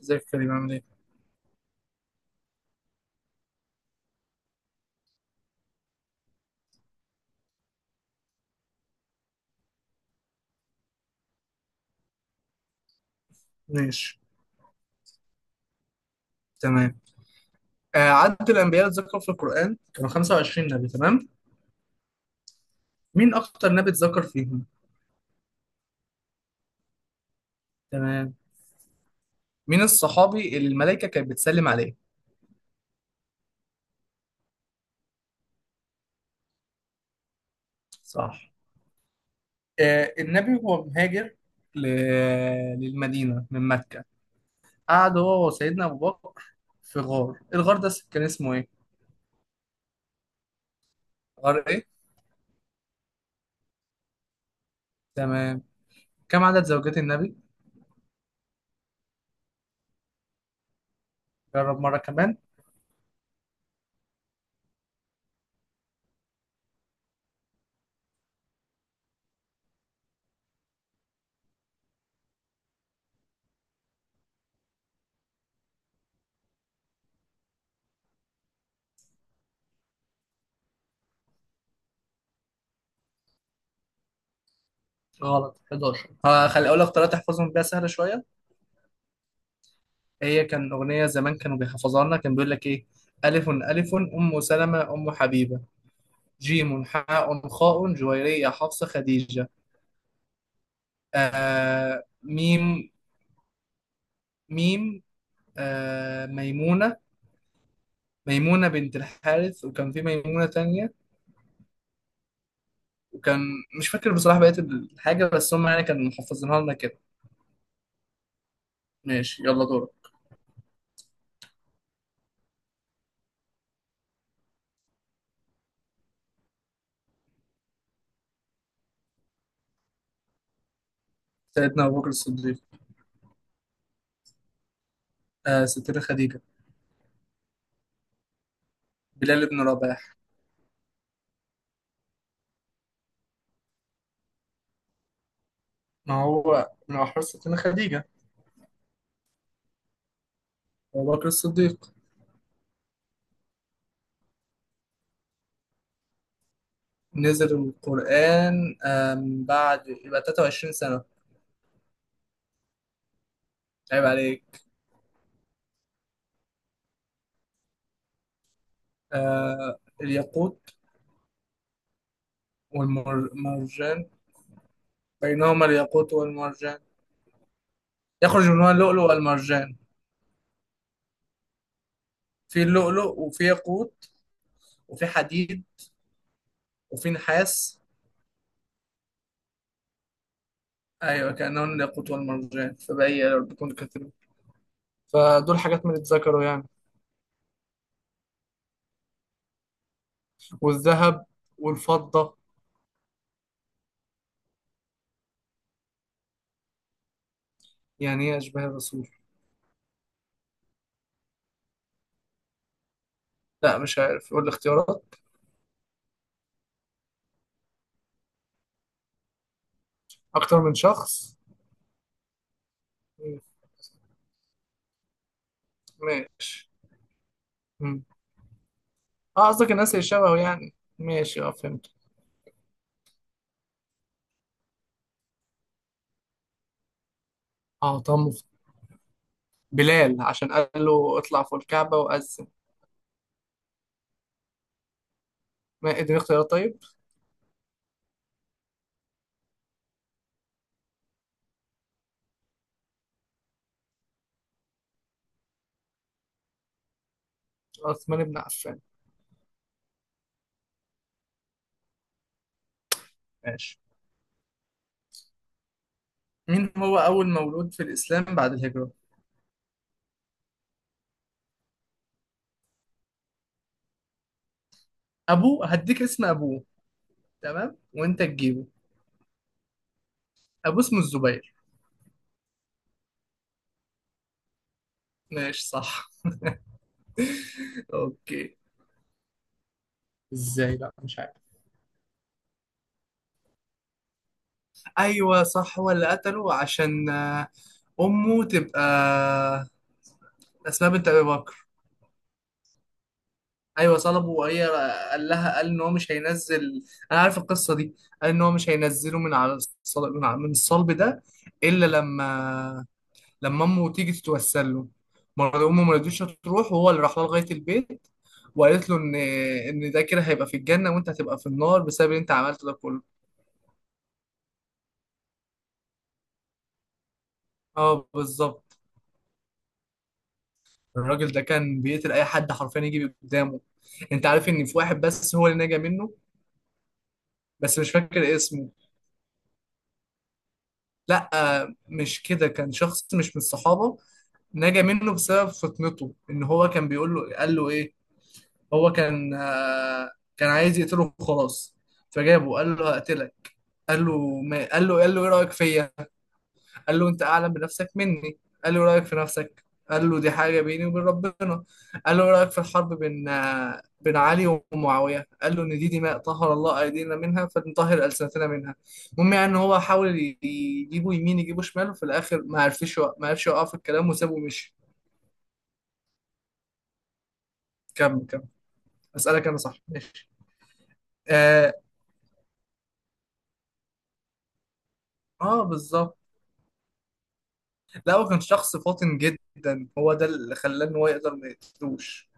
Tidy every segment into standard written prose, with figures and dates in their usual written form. ازيك يا كريم، عامل ايه؟ ماشي. تمام. آه، عدد الأنبياء اللي اتذكروا في القرآن كانوا 25 نبي، تمام؟ مين أكتر نبي اتذكر فيهم؟ تمام. مين الصحابي اللي الملائكة كانت بتسلم عليه؟ صح. آه، النبي هو مهاجر ل... للمدينة من مكة. قعد هو وسيدنا أبو بكر في غار. الغار ده كان اسمه ايه؟ غار ايه؟ تمام. كم عدد زوجات النبي؟ جرب مرة كمان. غلط، 11. هخلي أقول لك ثلاثة احفظهم بيها، سهلة شوية. هي كان أغنية زمان كانوا بيحفظوها لنا، كان بيقول لك إيه: ألف ألف أم سلمة أم حبيبة، جيم حاء خاء جويرية حفصة خديجة، آه ميم ميم، آه ميمونة. ميمونة بنت الحارث، وكان في ميمونة تانية. وكان مش فاكر بصراحة بقية الحاجة، بس هم يعني كانوا محفظينها لنا كده. ماشي، يلا دورك. سيدنا أبو بكر الصديق. آه، ستنا خديجة. بلال بن رباح. ما هو من أحرار ستنا خديجة. أبو بكر الصديق. نزل القرآن بعد يبقى 23 سنة. عيب عليك. آه، الياقوت. والمرجان. بينهما الياقوت والمرجان. يخرج منهما اللؤلؤ والمرجان. في اللؤلؤ وفي ياقوت وفي حديد وفي نحاس. أيوة، كأنهن الياقوت والمرجان، فبأي ربكم تكذبون. فدول حاجات ما تتذكروا يعني. والذهب والفضة. يعني إيه أشباه الرسول؟ لا، مش عارف، قول الاختيارات. أكتر من شخص. ماشي. اه، قصدك الناس اللي شبهه يعني. ماشي، اه، فهمت. اه طب، بلال عشان قال له اطلع فوق الكعبة وأذن. ما اديني اختيارات طيب. عثمان بن عفان. ماشي. مين هو أول مولود في الإسلام بعد الهجرة؟ أبوه، هديك اسم أبوه. تمام، وأنت تجيبه. أبوه اسمه الزبير. ماشي، صح. أوكي. إزاي؟ لا، مش عارف. أيوه، صح، هو اللي قتله عشان أمه تبقى أسماء بنت أبي بكر. ايوه، طلبه وهي قال لها ان هو مش هينزل. انا عارف القصه دي. قال ان هو مش هينزله من على الصل... من ع- من الصلب ده الا لما امه تيجي تتوسل له. مرة امه ما رضيتش تروح، وهو اللي راح لها لغايه البيت، وقالت له ان ده كده هيبقى في الجنه وانت هتبقى في النار بسبب اللي انت عملته ده كله. اه، بالظبط. الراجل ده كان بيقتل اي حد حرفيا يجي قدامه. انت عارف ان في واحد بس هو اللي نجا منه. بس مش فاكر اسمه. لا، مش كده، كان شخص مش من الصحابة. نجا منه بسبب فطنته، ان هو كان بيقول له قال له ايه. هو كان كان عايز يقتله وخلاص. فجابه قال له هقتلك. قال له، ما قال له ايه رأيك فيا. قال له انت اعلم بنفسك مني. قال له رايك في نفسك. قال له دي حاجه بيني وبين ربنا. قال له رايك في الحرب بين بين علي ومعاويه. قال له ان دي دماء طهر الله ايدينا منها فنطهر السنتنا منها. المهم يعني ان هو حاول يجيبه يمين يجيبه شمال، وفي الاخر ما عرفش يوقف الكلام وسابه ومشي. كمل كمل. اسالك انا، صح؟ ماشي. اه, آه، بالظبط. لا، هو كان شخص فاطن جدا، هو ده اللي خلاه ان هو يقدر ما يقتلوش.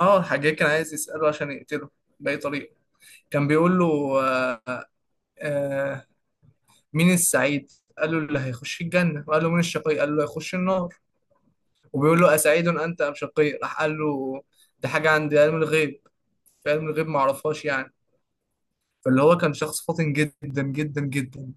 اه، الحاج كان عايز يساله عشان يقتله باي طريقه. كان بيقول له آه، آه، مين السعيد؟ قال له اللي هيخش الجنة. وقال له مين الشقي؟ قال له هيخش النار. وبيقول له أسعيد أنت أم شقي؟ راح قال له ده حاجة عند علم الغيب، في علم الغيب معرفهاش يعني. فاللي هو كان شخص فاطن جدا جدا جدا.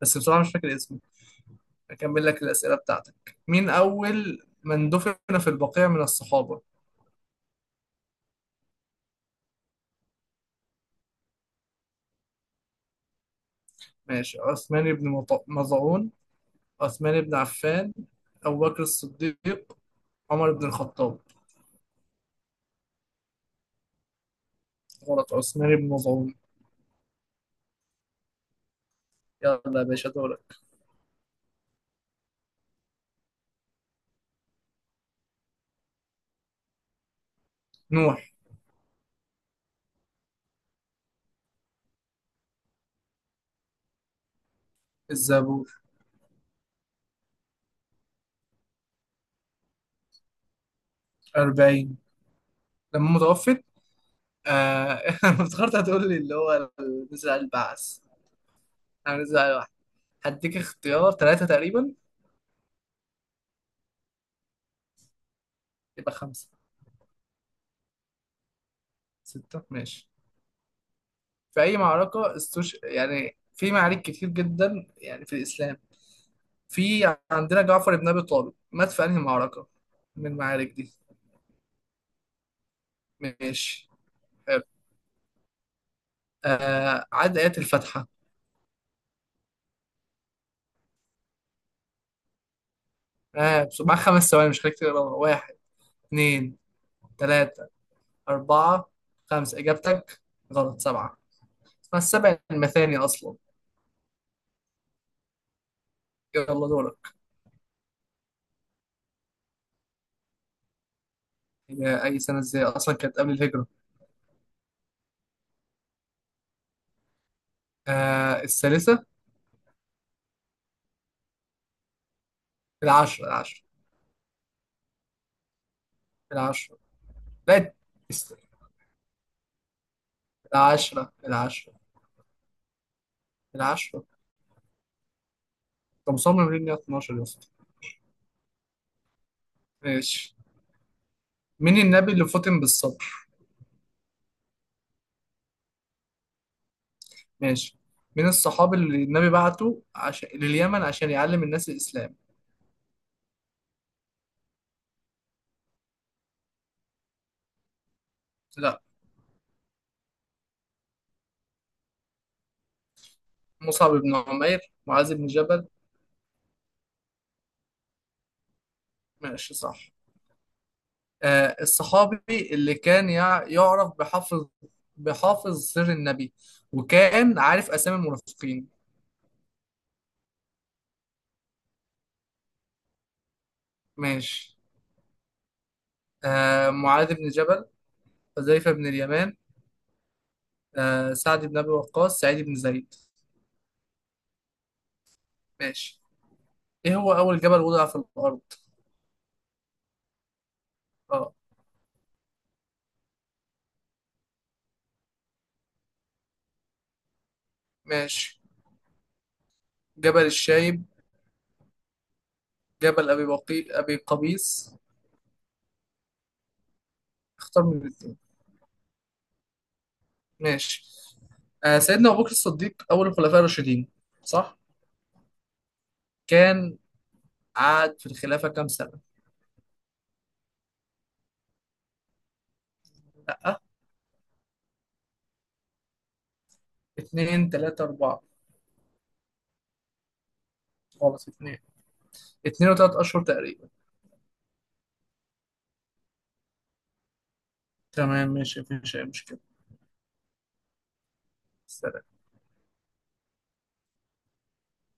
بس بصراحة مش فاكر اسمه. أكمل لك الأسئلة بتاعتك. مين أول من دفن في البقيع من الصحابة؟ ماشي، عثمان بن مظعون، عثمان بن عفان، أبو بكر الصديق، عمر بن الخطاب. غلط، عثمان بن مظعون. يلا يا باشا دورك. نوح. الزبور. 40. لما متوفت. آه، أنا افتكرت هتقول لي اللي هو نزل على البعث، أنا نزل على واحد. هديك اختيار ثلاثة تقريبا. يبقى خمسة. ستة ماشي. في أي معركة استوش، يعني في معارك كتير جدا يعني في الإسلام. في عندنا جعفر بن أبي طالب مات في أنهي معركة من المعارك دي. ماشي، حلو. آه، عد آيات الفاتحة. آه مع خمس ثواني، مش خليك تقراها. واحد، اتنين، تلاتة، أربعة، خمسة. إجابتك؟ غلط، سبعة. فالسبع المثاني أصلا. يلا دورك. هي أي سنة إزاي أصلا كانت قبل الهجرة. آه، الثالثة. العشرة العشرة. العشرة. لا، الس- العشرة العشرة. العشرة. أنت مصمم ليه إن هي 12 يا اسطى؟ ماشي. مين النبي اللي فطن بالصبر؟ ماشي. مين الصحابي اللي النبي بعته عشان لليمن عشان يعلم الناس الإسلام؟ لا. مصعب بن عمير، معاذ بن جبل. ماشي، صح. آه، الصحابي اللي كان يعرف بحافظ، بحافظ سر النبي، وكان عارف أسامي المنافقين. ماشي. آه، معاذ بن جبل، حذيفة بن اليمان، آه، سعد بن أبي وقاص، سعيد بن زيد. ماشي. إيه هو أول جبل وضع في الأرض؟ أه. ماشي. جبل الشايب، جبل أبي بقي أبي قبيس، اختار من الاثنين. ماشي. آه، سيدنا أبو بكر الصديق أول الخلفاء الراشدين، صح؟ كان قعد في الخلافة كام سنة؟ اتنين، تلاتة، أربعة. خلاص اتنين. اتنين وتلات أشهر تقريبا. تمام، ماشي، مفيش أي مشكلة.